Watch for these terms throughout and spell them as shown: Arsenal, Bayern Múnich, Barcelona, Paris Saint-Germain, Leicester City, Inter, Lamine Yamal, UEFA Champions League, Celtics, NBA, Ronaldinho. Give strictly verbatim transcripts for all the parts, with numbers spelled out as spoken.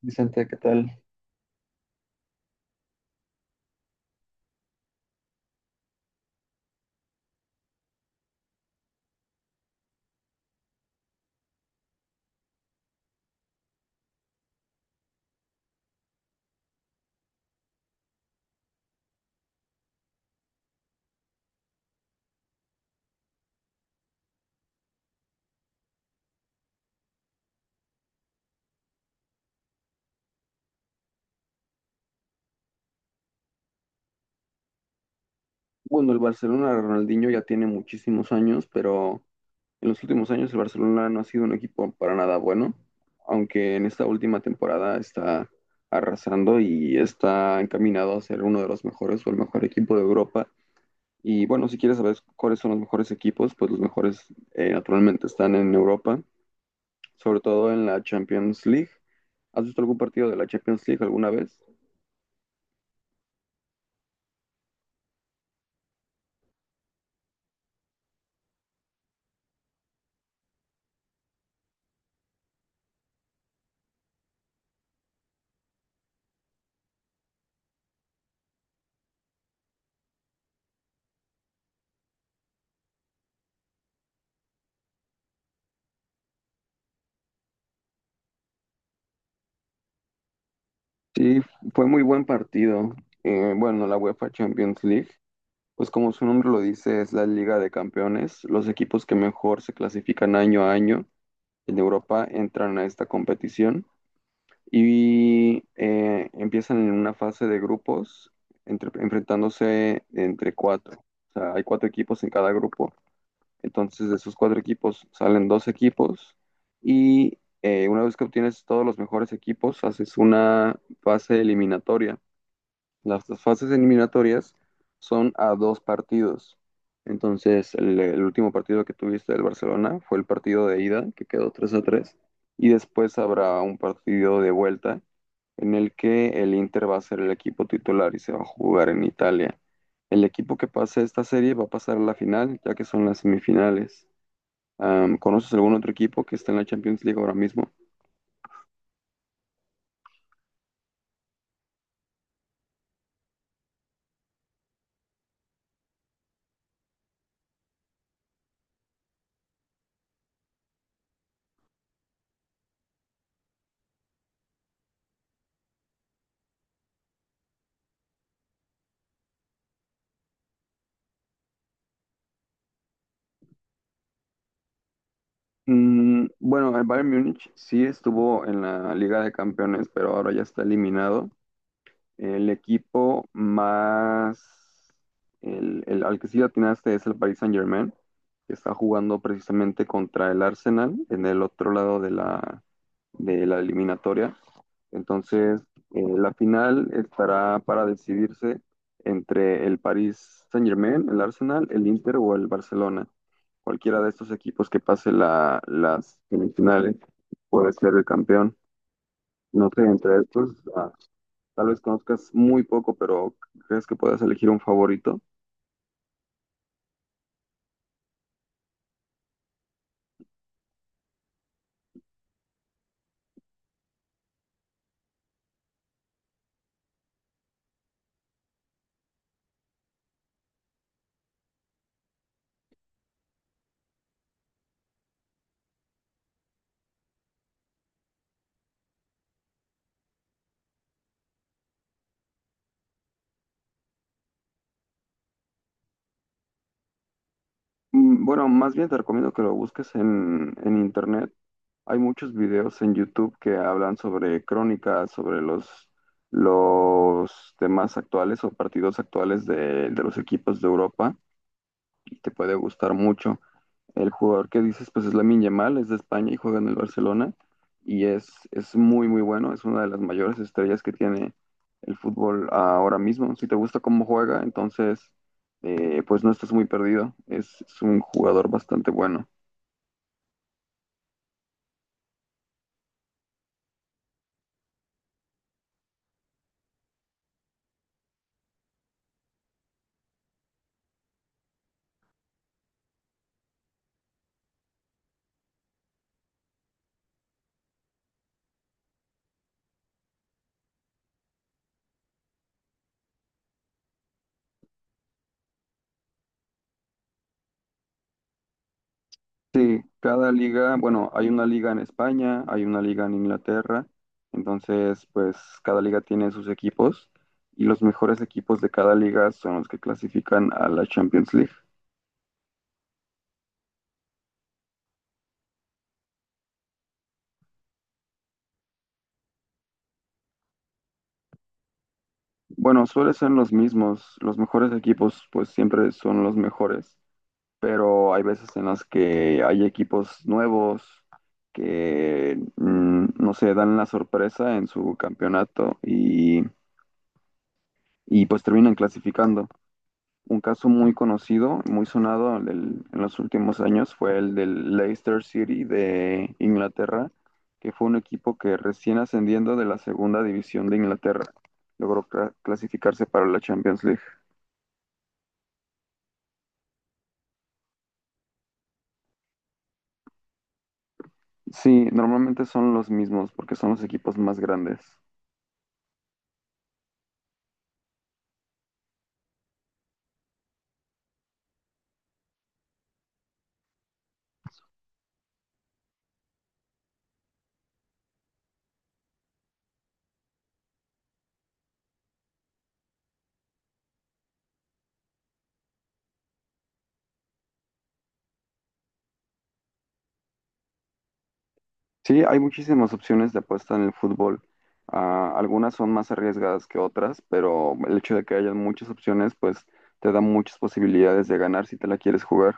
Vicente, ¿qué tal? Bueno, el Barcelona de Ronaldinho ya tiene muchísimos años, pero en los últimos años el Barcelona no ha sido un equipo para nada bueno, aunque en esta última temporada está arrasando y está encaminado a ser uno de los mejores o el mejor equipo de Europa. Y bueno, si quieres saber cuáles son los mejores equipos, pues los mejores eh, naturalmente están en Europa, sobre todo en la Champions League. ¿Has visto algún partido de la Champions League alguna vez? Sí, fue muy buen partido. Eh, bueno, la UEFA Champions League pues como su nombre lo dice, es la Liga de Campeones. Los equipos que mejor se clasifican año a año en Europa entran a esta competición y eh, empiezan en una fase de grupos entre- enfrentándose entre cuatro. O sea, hay cuatro equipos en cada grupo. Entonces de esos cuatro equipos salen dos equipos y eh, una vez que obtienes todos los mejores equipos, haces una fase eliminatoria. Las las fases eliminatorias son a dos partidos. Entonces, el, el último partido que tuviste del Barcelona fue el partido de ida, que quedó tres a tres. Y después habrá un partido de vuelta en el que el Inter va a ser el equipo titular y se va a jugar en Italia. El equipo que pase esta serie va a pasar a la final, ya que son las semifinales. Am, ¿conoces algún otro equipo que está en la Champions League ahora mismo? Mm, bueno, el Bayern Múnich sí estuvo en la Liga de Campeones, pero ahora ya está eliminado. El equipo más, el, el- al que sí le atinaste es el Paris Saint-Germain, que está jugando precisamente contra el Arsenal en el otro lado de la, de la eliminatoria. Entonces, eh, la final estará para decidirse entre el Paris Saint-Germain, el Arsenal, el Inter o el Barcelona. Cualquiera de estos equipos que pase la, las semifinales puede ser el campeón. No sé, entre estos, ah, tal vez conozcas muy poco, pero crees que puedas elegir un favorito. Mm, bueno, más bien te recomiendo que lo busques en, en internet. Hay muchos videos en YouTube que hablan sobre crónicas, sobre los, los temas actuales o partidos actuales de, de los equipos de Europa y te puede gustar mucho. El jugador que dices, pues es Lamine Yamal, es de España y juega en el Barcelona y es, es muy, muy bueno. Es una de las mayores estrellas que tiene el fútbol ahora mismo. Si te gusta cómo juega, entonces, eh, pues no estás muy perdido. Es, es un jugador bastante bueno. Sí, cada liga, bueno, hay una liga en España, hay una liga en Inglaterra, entonces, pues cada liga tiene sus equipos y los mejores equipos de cada liga son los que clasifican a la Champions League. Bueno, suele ser los mismos. Los mejores equipos, pues siempre son los mejores, pero hay veces en las que hay equipos nuevos que, mm, no sé, dan la sorpresa en su campeonato y, y, pues terminan clasificando. Un caso muy conocido, muy sonado en el- en los últimos años fue el del Leicester City de Inglaterra, que fue un equipo que recién ascendiendo de la segunda división de Inglaterra logró cla- clasificarse para la Champions League. Sí, normalmente son los mismos porque son los equipos más grandes. Sí, hay muchísimas opciones de apuesta en el fútbol. Ah, algunas son más arriesgadas que otras, pero el hecho de que haya muchas opciones, pues te da muchas posibilidades de ganar si te la quieres jugar.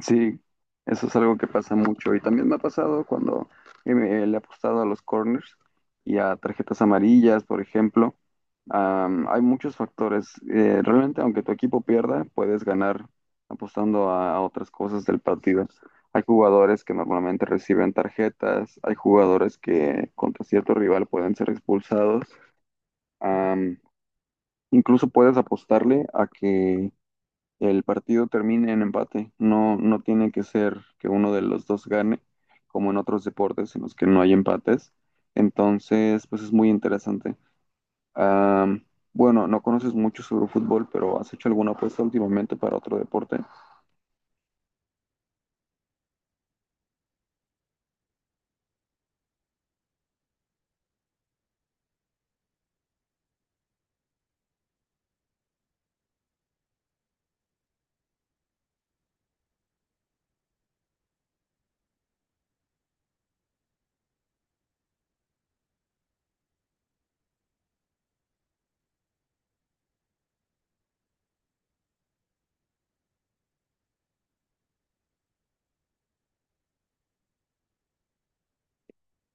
Sí, eso es algo que pasa mucho y también me ha pasado cuando eh, me- le he apostado a los corners y a tarjetas amarillas, por ejemplo. Am, hay muchos factores. Eh, realmente, aunque tu equipo pierda, puedes ganar apostando a, a otras cosas del partido. Hay jugadores que normalmente reciben tarjetas, hay jugadores que contra cierto rival pueden ser expulsados. Am, incluso puedes apostarle a que el partido termine en empate. No, no tiene que ser que uno de los dos gane, como en otros deportes en los que no hay empates. Entonces, pues es muy interesante. Am, bueno, no conoces mucho sobre fútbol, pero ¿has hecho alguna apuesta últimamente para otro deporte?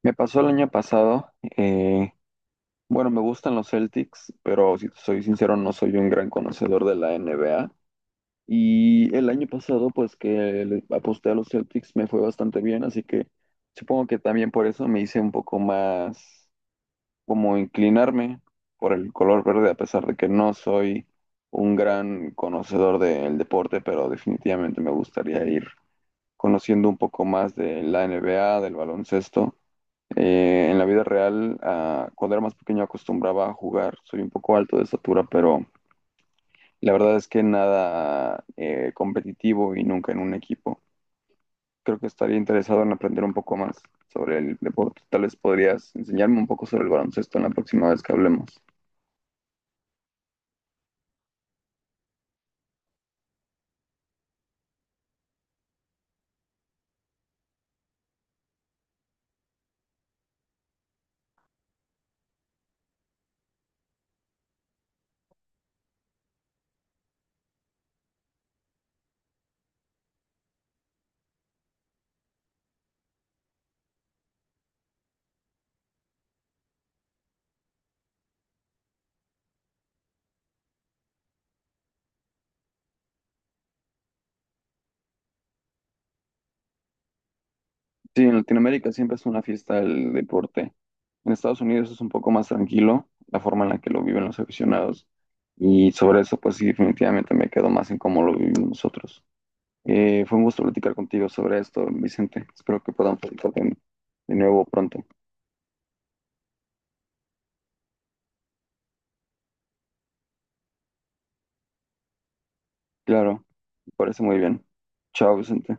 Me pasó el año pasado. eh, bueno, me gustan los Celtics, pero si te soy sincero, no soy un gran conocedor de la N B A. Y el año pasado, pues que le aposté a los Celtics, me fue bastante bien, así que supongo que también por eso me hice un poco más como inclinarme por el color verde, a pesar de que no soy un gran conocedor del deporte, pero definitivamente me gustaría ir conociendo un poco más de la N B A, del baloncesto. Eh, en la vida real, ah, cuando era más pequeño acostumbraba a jugar, soy un poco alto de estatura, pero... La verdad es que nada eh, competitivo y nunca en un equipo. Creo que estaría interesado en aprender un poco más sobre el deporte. Tal vez podrías enseñarme un poco sobre el baloncesto en la próxima vez que hablemos. Sí, en Latinoamérica siempre es una fiesta el deporte. En Estados Unidos es un poco más tranquilo la forma en la que lo viven los aficionados. Y sobre eso, pues sí, definitivamente me quedo más en cómo lo vivimos nosotros. Eh, fue un gusto platicar contigo sobre esto, Vicente. Espero que podamos platicar de de nuevo pronto. Claro, me parece muy bien. Chao, Vicente.